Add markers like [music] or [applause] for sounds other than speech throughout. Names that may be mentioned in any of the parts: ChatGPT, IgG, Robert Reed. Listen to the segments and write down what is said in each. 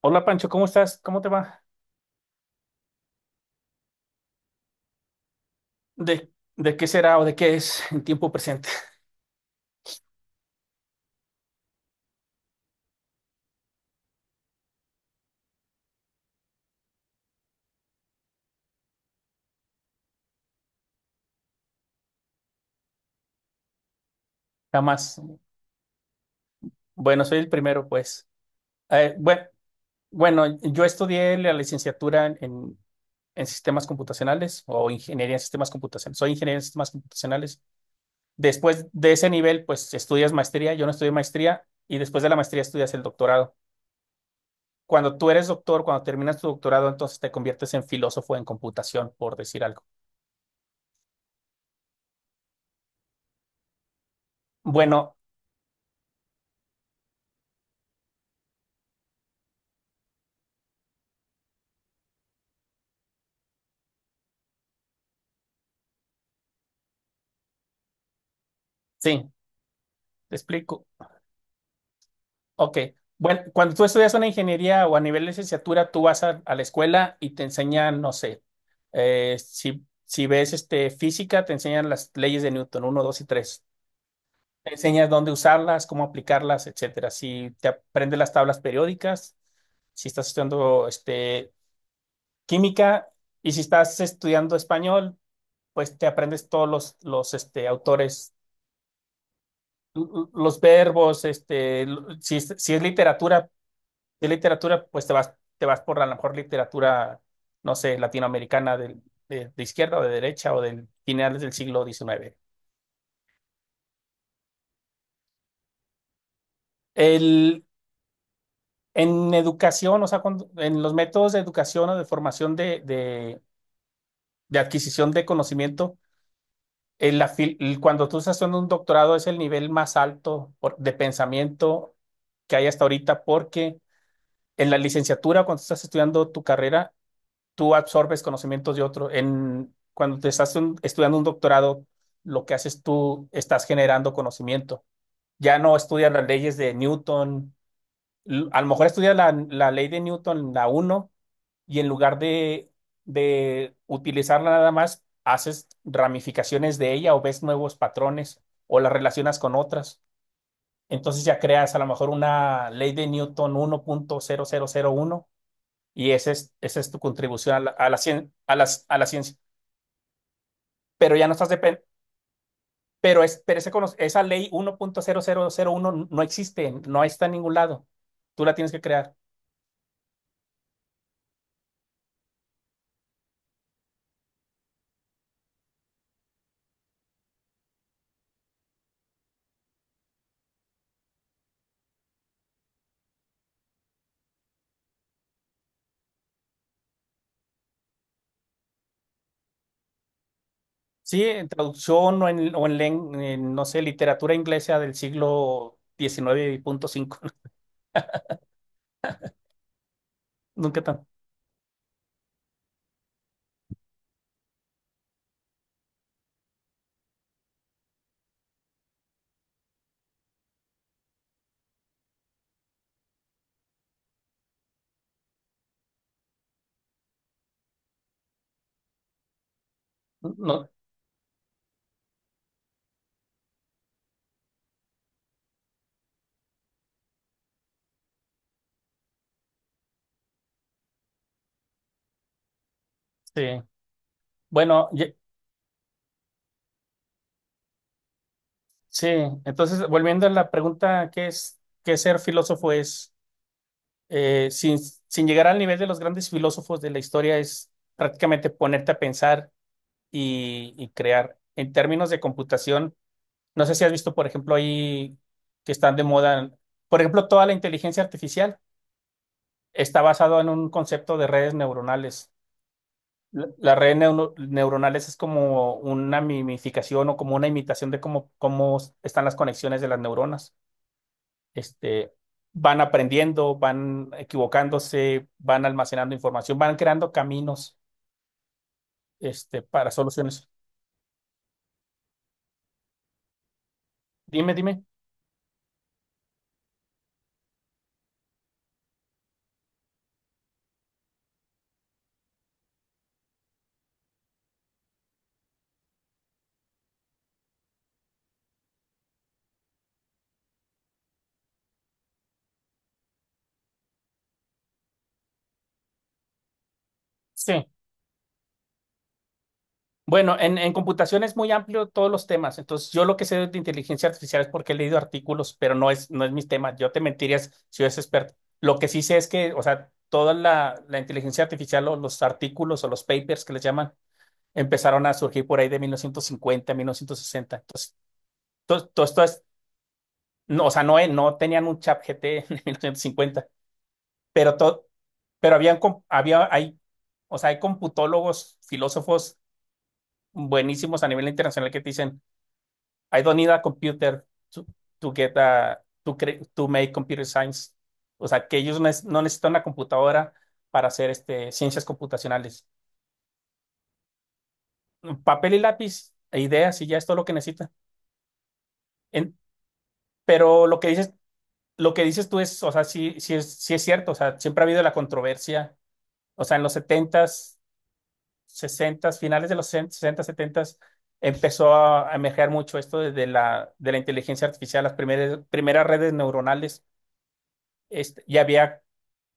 Hola Pancho, ¿cómo estás? ¿Cómo te va? ¿De, de qué será o de qué es en tiempo presente? [laughs] Jamás. Bueno, soy el primero, pues. Eh, bue- bueno, yo estudié la licenciatura en sistemas computacionales o ingeniería en sistemas computacionales. Soy ingeniero en sistemas computacionales. Después de ese nivel, pues estudias maestría. Yo no estudié maestría y después de la maestría estudias el doctorado. Cuando tú eres doctor, cuando terminas tu doctorado, entonces te conviertes en filósofo en computación, por decir algo. Bueno, sí, te explico. Ok. Bueno, cuando tú estudias una ingeniería o a nivel de licenciatura, tú vas a la escuela y te enseñan, no sé, si ves este, física, te enseñan las leyes de Newton, uno, 2 y tres. Te enseñas dónde usarlas, cómo aplicarlas, etcétera. Si te aprendes las tablas periódicas, si estás estudiando este, química, y si estás estudiando español, pues te aprendes todos los este, autores, los verbos, si es literatura de literatura, pues te vas por a lo mejor literatura, no sé, latinoamericana de izquierda o de derecha o del finales del siglo XIX. El, en educación, o sea, en los métodos de educación o de formación de adquisición de conocimiento, el, la fil- el- cuando tú estás haciendo un doctorado es el nivel más alto de pensamiento que hay hasta ahorita, porque en la licenciatura, cuando estás estudiando tu carrera, tú absorbes conocimientos de otro. Cuando te estás estudiando un doctorado, lo que haces tú, estás generando conocimiento. Ya no estudias las leyes de Newton. A lo mejor estudias la ley de Newton, la uno, y en lugar de utilizarla nada más, haces ramificaciones de ella o ves nuevos patrones o las relacionas con otras. Entonces ya creas a lo mejor una ley de Newton 1,0001, y esa es tu contribución a la, cien- a las- a la ciencia. Pero ya no estás depen- Pero, es, pero ese cono- esa ley 1,0001 no existe, no está en ningún lado. Tú la tienes que crear. Sí, en traducción o en, no sé, literatura inglesa del siglo diecinueve punto cinco. [laughs] Nunca tan. No, sí. Bueno, sí. Entonces, volviendo a la pregunta, ¿qué ser filósofo es? Sin llegar al nivel de los grandes filósofos de la historia, es prácticamente ponerte a pensar y crear. En términos de computación, no sé si has visto, por ejemplo, ahí que están de moda, por ejemplo, toda la inteligencia artificial está basado en un concepto de redes neuronales. Las redes neuronales es como una mimificación o como una imitación de cómo están las conexiones de las neuronas. Este, van aprendiendo, van equivocándose, van almacenando información, van creando caminos, para soluciones. Dime, dime. Sí. Bueno, en computación es muy amplio todos los temas. Entonces, yo lo que sé de inteligencia artificial es porque he leído artículos, pero no es mis temas. Yo te mentirías si yo es experto. Lo que sí sé es que, o sea, toda la inteligencia artificial o los artículos o los papers que les llaman empezaron a surgir por ahí de 1950, 1960. Entonces, todo esto es, no, o sea, no, no tenían un chat GT en [laughs] 1950, pero todo, pero habían, com- había, hay, o sea, hay computólogos, filósofos buenísimos a nivel internacional que te dicen, "I don't need a computer to, to get a, to make computer science." O sea, que ellos no necesitan una computadora para hacer ciencias computacionales. Papel y lápiz e ideas y ya es todo lo que necesitan. En- pero lo que dices tú es, o sea, sí, sí es cierto. O sea, siempre ha habido la controversia. O sea, en los setentas, sesentas, finales de los 60 setentas empezó a emerger mucho esto de la inteligencia artificial, las primeras redes neuronales. Ya había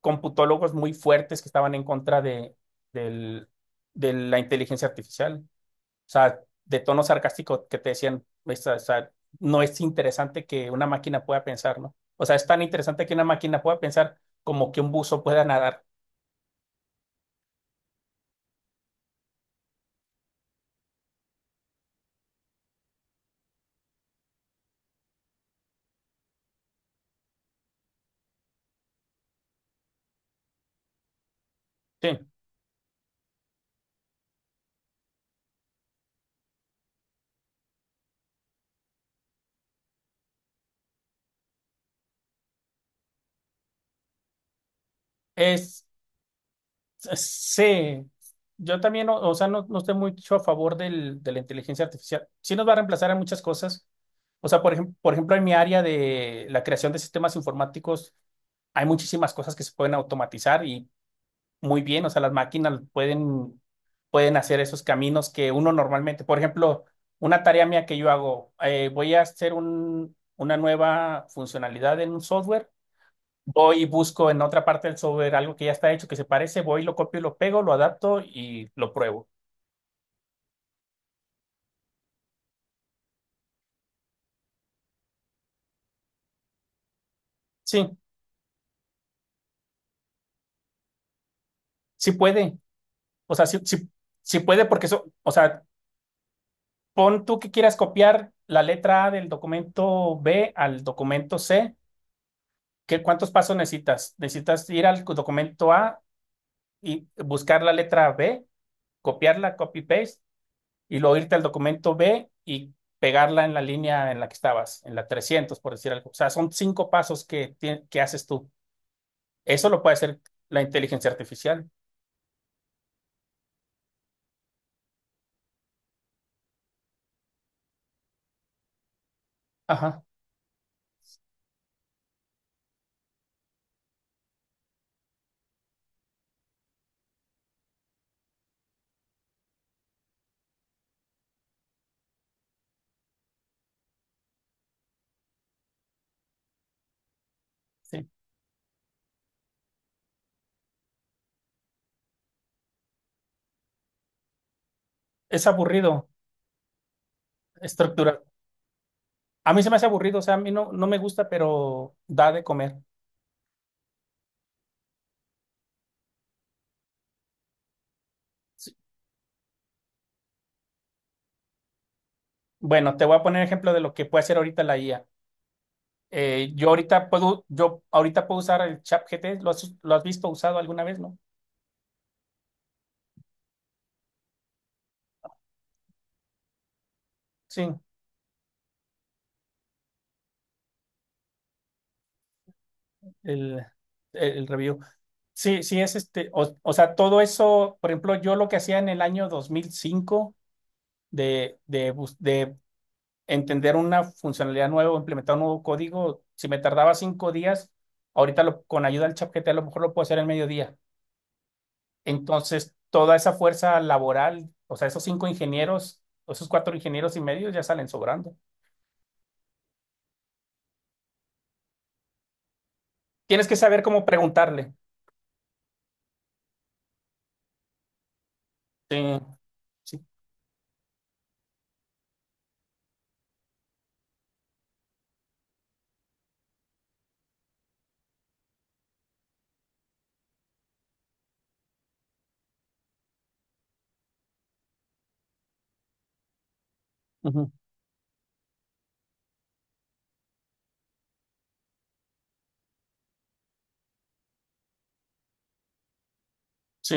computólogos muy fuertes que estaban en contra del- de la inteligencia artificial. O sea, de tono sarcástico que te decían, "Pues, o sea, no es interesante que una máquina pueda pensar, ¿no? O sea, es tan interesante que una máquina pueda pensar como que un buzo pueda nadar." Sí, es, sí. Yo también, o sea, no, no estoy mucho a favor de la inteligencia artificial. Sí nos va a reemplazar en muchas cosas. O sea, por ejemplo, en mi área de la creación de sistemas informáticos, hay muchísimas cosas que se pueden automatizar y muy bien, o sea, las máquinas pueden hacer esos caminos que uno normalmente. Por ejemplo, una tarea mía que yo hago, voy a hacer una nueva funcionalidad en un software, voy y busco en otra parte del software algo que ya está hecho, que se parece, voy, lo copio y lo pego, lo adapto y lo pruebo. Sí, sí puede, o sea, sí, sí, sí puede porque eso, o sea, pon tú que quieras copiar la letra A del documento B al documento C. ¿Cuántos pasos necesitas? Necesitas ir al documento A y buscar la letra B, copiarla, copy paste, y luego irte al documento B y pegarla en la línea en la que estabas, en la 300, por decir algo. O sea, son cinco pasos que haces tú. Eso lo puede hacer la inteligencia artificial. Ajá, sí. Es aburrido, estructura. A mí se me hace aburrido, o sea, a mí no, no me gusta, pero da de comer. Sí. Bueno, te voy a poner ejemplo de lo que puede hacer ahorita la IA. Yo ahorita puedo, yo ahorita puedo, usar el ChatGPT. ¿Lo has visto usado alguna vez, no? Sí, el, el review. Sí, sí, o sea, todo eso, por ejemplo, yo lo que hacía en el año 2005 de entender una funcionalidad nueva, o implementar un nuevo código, si me tardaba 5 días, ahorita con ayuda del ChatGPT a lo mejor lo puedo hacer en mediodía. Entonces, toda esa fuerza laboral, o sea, esos cinco ingenieros, esos cuatro ingenieros y medio ya salen sobrando. Tienes que saber cómo preguntarle. Sí, sí, ujú, sí,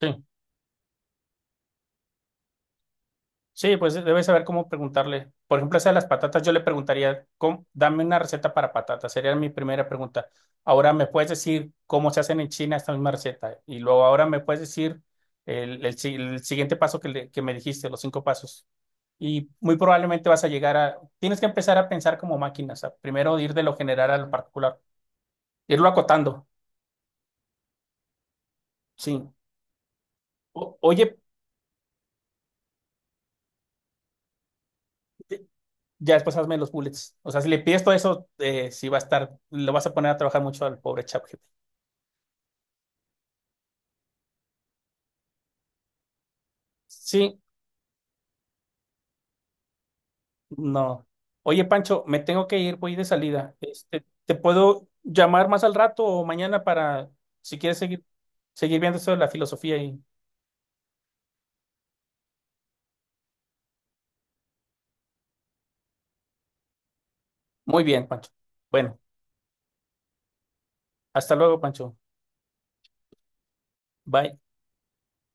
sí. Sí, pues debes saber cómo preguntarle. Por ejemplo, esa de las patatas, yo le preguntaría, dame una receta para patatas. Sería mi primera pregunta. Ahora, ¿me puedes decir cómo se hacen en China esta misma receta? Y luego, ahora, ¿me puedes decir el si- el siguiente paso que me dijiste, los cinco pasos? Y muy probablemente vas a llegar a... Tienes que empezar a pensar como máquinas. Primero ir de lo general a lo particular. Irlo acotando. Sí. Oye. Ya después hazme los bullets. O sea, si le pides todo eso, sí va a estar, lo vas a poner a trabajar mucho al pobre ChatGPT. Sí, no. Oye, Pancho, me tengo que ir, voy de salida. ¿Te puedo llamar más al rato o mañana para, si quieres seguir, viendo esto de la filosofía y...? Muy bien, Pancho. Bueno, hasta luego, Pancho. Bye.